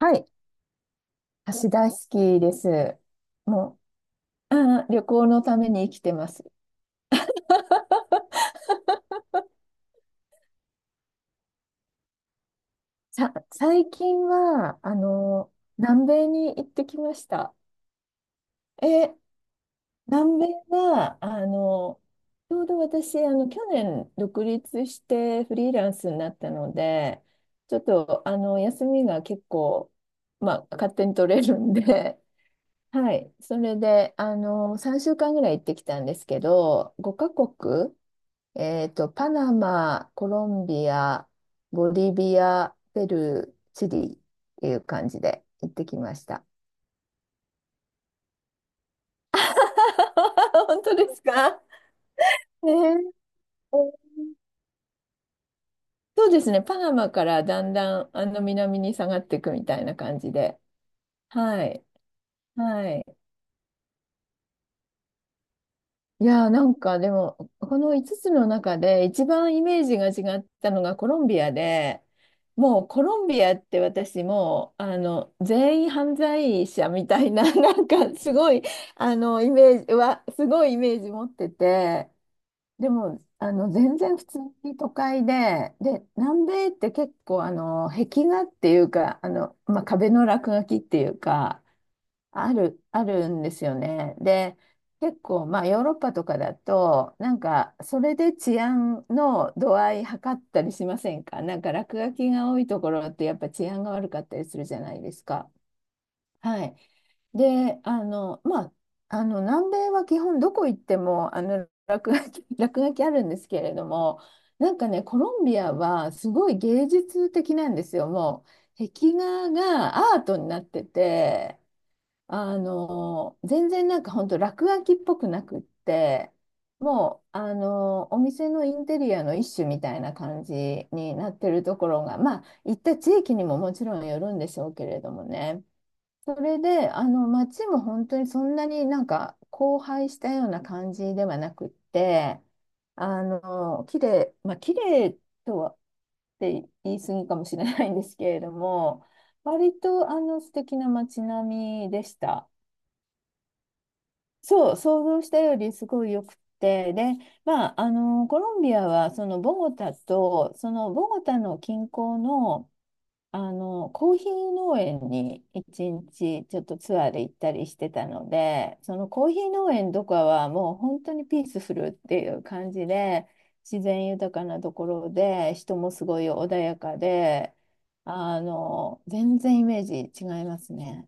はい。橋大好きです。もう、うん、旅行のために生きてます。最近は、南米に行ってきました。え、南米は、ちょうど私、去年独立してフリーランスになったので、ちょっと、休みが結構、まあ、勝手に取れるんで、はい。それで、3週間ぐらい行ってきたんですけど、5カ国パナマ、コロンビア、ボリビア、ペルー、チリっていう感じで行ってきました。本当ですか？ねえ。そうですね、パナマからだんだん南に下がっていくみたいな感じで。はい。はい。いやー、なんかでもこの5つの中で一番イメージが違ったのがコロンビアで、もうコロンビアって、私もう全員犯罪者みたいな、 なんかすごいイメージは、すごいイメージ持ってて、でも全然普通に都会で、で南米って結構壁画っていうか、壁の落書きっていうか、あるんですよね。で、結構、まあ、ヨーロッパとかだと、なんか、それで治安の度合い測ったりしませんか？なんか、落書きが多いところって、やっぱ治安が悪かったりするじゃないですか。はい。で、南米は基本どこ行っても、落書き、落書きあるんですけれども、なんかね、コロンビアはすごい芸術的なんですよ。もう、壁画がアートになってて、全然なんか本当落書きっぽくなくって、もう、お店のインテリアの一種みたいな感じになってるところが、まあ、行った地域にももちろんよるんでしょうけれどもね。それで、街も本当にそんなになんか荒廃したような感じではなくって、綺麗、まあ、綺麗とは言い過ぎかもしれないんですけれども、割と素敵な街並みでした。そう、想像したよりすごいよくて、で、まあ、コロンビアは、そのボゴタと、そのボゴタの近郊の、コーヒー農園に一日ちょっとツアーで行ったりしてたので、そのコーヒー農園とかはもう本当にピースフルっていう感じで、自然豊かなところで、人もすごい穏やかで、全然イメージ違いますね。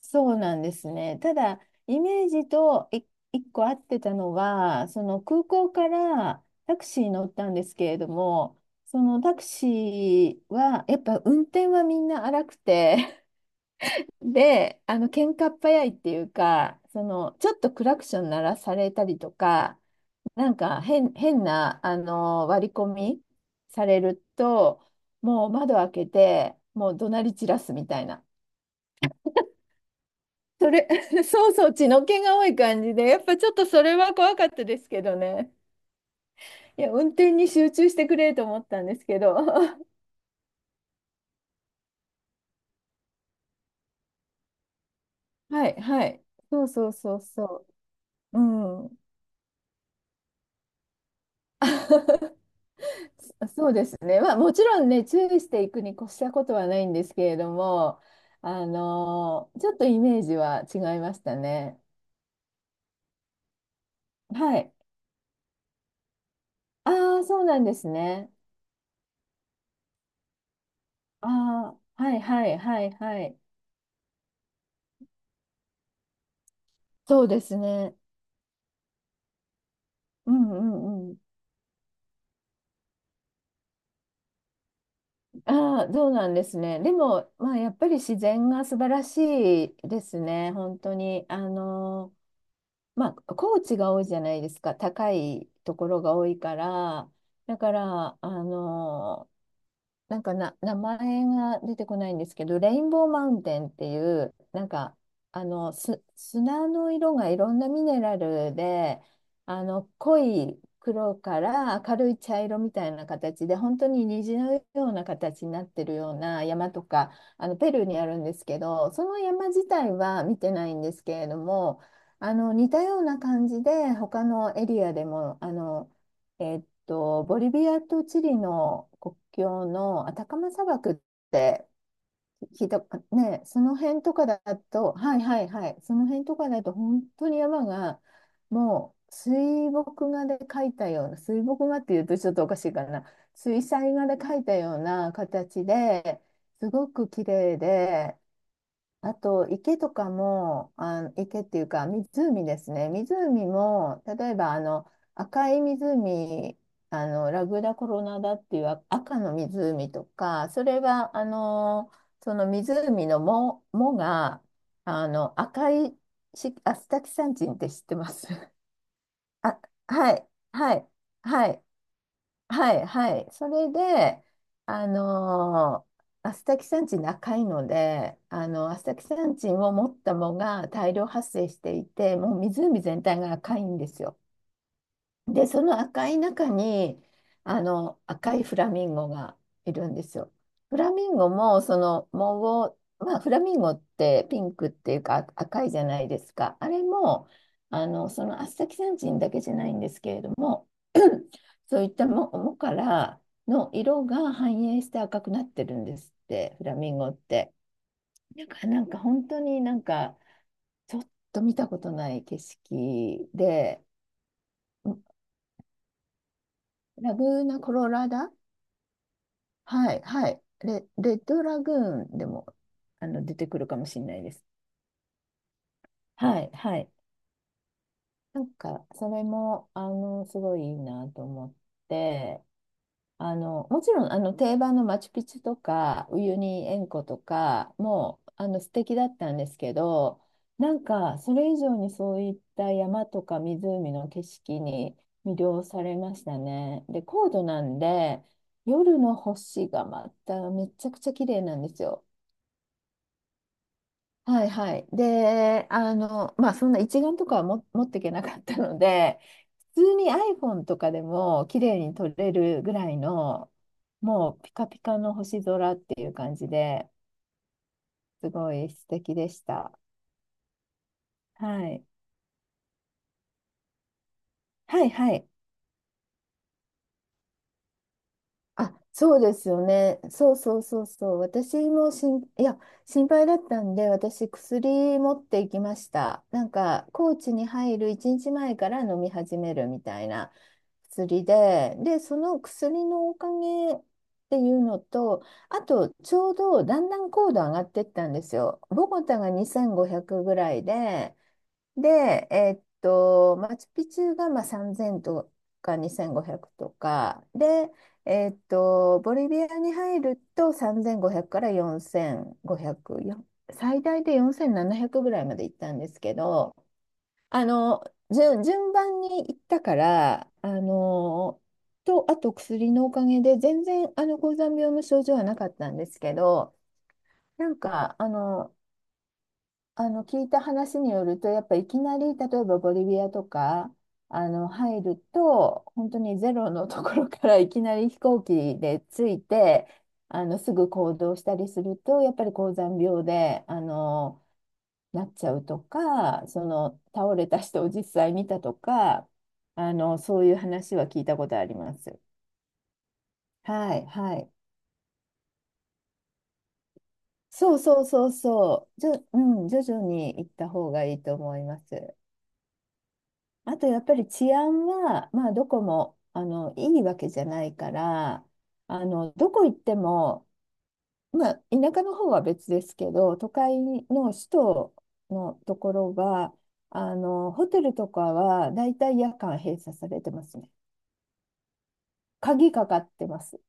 そうなんですね。ただ、イメージと一個合ってたのは、その空港からタクシーに乗ったんですけれども、そのタクシーは、やっぱ運転はみんな荒くて、で、喧嘩っ早いっていうか、その、ちょっとクラクション鳴らされたりとか、なんか変な、割り込みされると、もう窓開けて、もう怒鳴り散らすみたいな。それ、そうそう、血の気が多い感じで、やっぱちょっとそれは怖かったですけどね。いや、運転に集中してくれと思ったんですけど。はい、はい。そうそうそうそう。うん。そうですね。まあ、もちろんね、注意していくに越したことはないんですけれども、ちょっとイメージは違いましたね。はい。ああ、そうなんですね。ああ、はいはいはいはい。そうですね。うんうん。ああ、そうなんですね。でも、まあ、やっぱり自然が素晴らしいですね、本当に。高地が多いじゃないですか、高いところが多いから。だから、なんかな、名前が出てこないんですけど、レインボーマウンテンっていう、なんか、砂の色がいろんなミネラルで、濃い黒から明るい茶色みたいな形で、本当に虹のような形になってるような山とか、ペルーにあるんですけど、その山自体は見てないんですけれども、似たような感じで、他のエリアでも、ボリビアとチリの国境のアタカマ砂漠って聞いた、ね、その辺とかだと、はいはいはい、その辺とかだと本当に山がもう水墨画で描いたような、水墨画っていうとちょっとおかしいかな、水彩画で描いたような形ですごく綺麗で、あと、池とかも、あ、池っていうか、湖ですね。湖も、例えば、赤い湖、ラグダコロナダっていう、あ、赤の湖とか、それは、その湖の藻が、あの、赤いし、アスタキサンチンって知ってます？ あ、はい、はい、はい。はいはい。それで、あのーアスタキサンチン高いので、アスタキサンチンを持った藻が大量発生していて、もう湖全体が赤いんですよ。で、その赤い中に、赤いフラミンゴがいるんですよ。フラミンゴも、その藻を、まあ、フラミンゴってピンクっていうか赤いじゃないですか。あれも、そのアスタキサンチンだけじゃないんですけれども、そういったもからの色が反映して赤くなってるんですって、フラミンゴって。なんか本当になんか、ちょっと見たことない景色で。んラグーナ・コロラダ。はい、はい。レッドラグーンでも出てくるかもしれないです。はい、はい。なんか、それも、すごいいいなと思って、もちろん、定番のマチュピチュとか、ウユニ塩湖とかも、素敵だったんですけど、なんか、それ以上にそういった山とか湖の景色に魅了されましたね。で、高度なんで、夜の星がまためちゃくちゃ綺麗なんですよ。はいはい。で、そんな一眼とかはも持っていけなかったので、普通に iPhone とかでも綺麗に撮れるぐらいの、もうピカピカの星空っていう感じで、すごい素敵でした。はい。はいはい。あ、そうですよね。そうそうそうそう。私もしん、いや、心配だったんで、私薬持っていきました。なんか、高知に入る1日前から飲み始めるみたいな。薬で、で、その薬のおかげっていうのと、あと、ちょうどだんだん高度上がってったんですよ。ボゴタが2500ぐらいで、で、マチュピチュがまあ3000とか2500とか、で、ボリビアに入ると3500から4500、最大で4700ぐらいまで行ったんですけど、あの、順番に行ったから、あと薬のおかげで、全然、高山病の症状はなかったんですけど、なんか、聞いた話によると、やっぱいきなり、例えばボリビアとか、入ると、本当にゼロのところからいきなり飛行機で着いて、すぐ行動したりすると、やっぱり高山病で、なっちゃうとか、その倒れた人を実際見たとか、そういう話は聞いたことあります。はい、はい。そうそうそうそう。うん、徐々に行った方がいいと思います。あとやっぱり治安は、まあどこも、いいわけじゃないから、どこ行っても、まあ田舎の方は別ですけど、都会の首都のところは、ホテルとかはだいたい夜間閉鎖されてますね。鍵かかってます。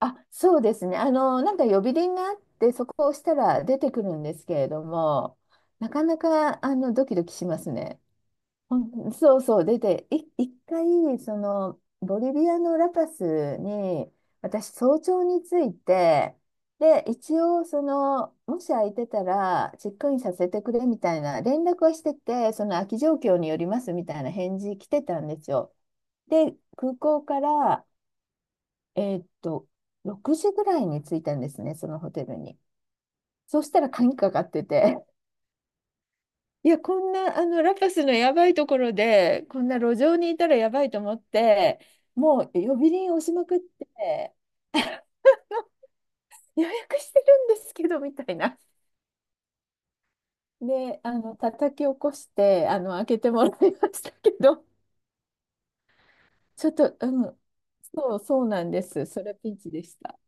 あ、そうですね。なんか呼び鈴があって、そこを押したら出てくるんですけれども、なかなか、ドキドキしますね。そうそう、出て、い、一回、その、ボリビアのラパスに、私、早朝に着いて、で、一応、その、もし空いてたら、チェックインさせてくれみたいな、連絡はしてて、その空き状況によりますみたいな返事来てたんですよ。で、空港から、えーっと、6時ぐらいに着いたんですね、そのホテルに。そうしたら鍵かかってて、いや、こんな、ラパスのやばいところで、こんな路上にいたらやばいと思って、もう呼び鈴押しまくって、予約してるんですけど、みたいな。で、叩き起こして、開けてもらいましたけど、ちょっと、うん、そう、そうなんです。それはピンチでした。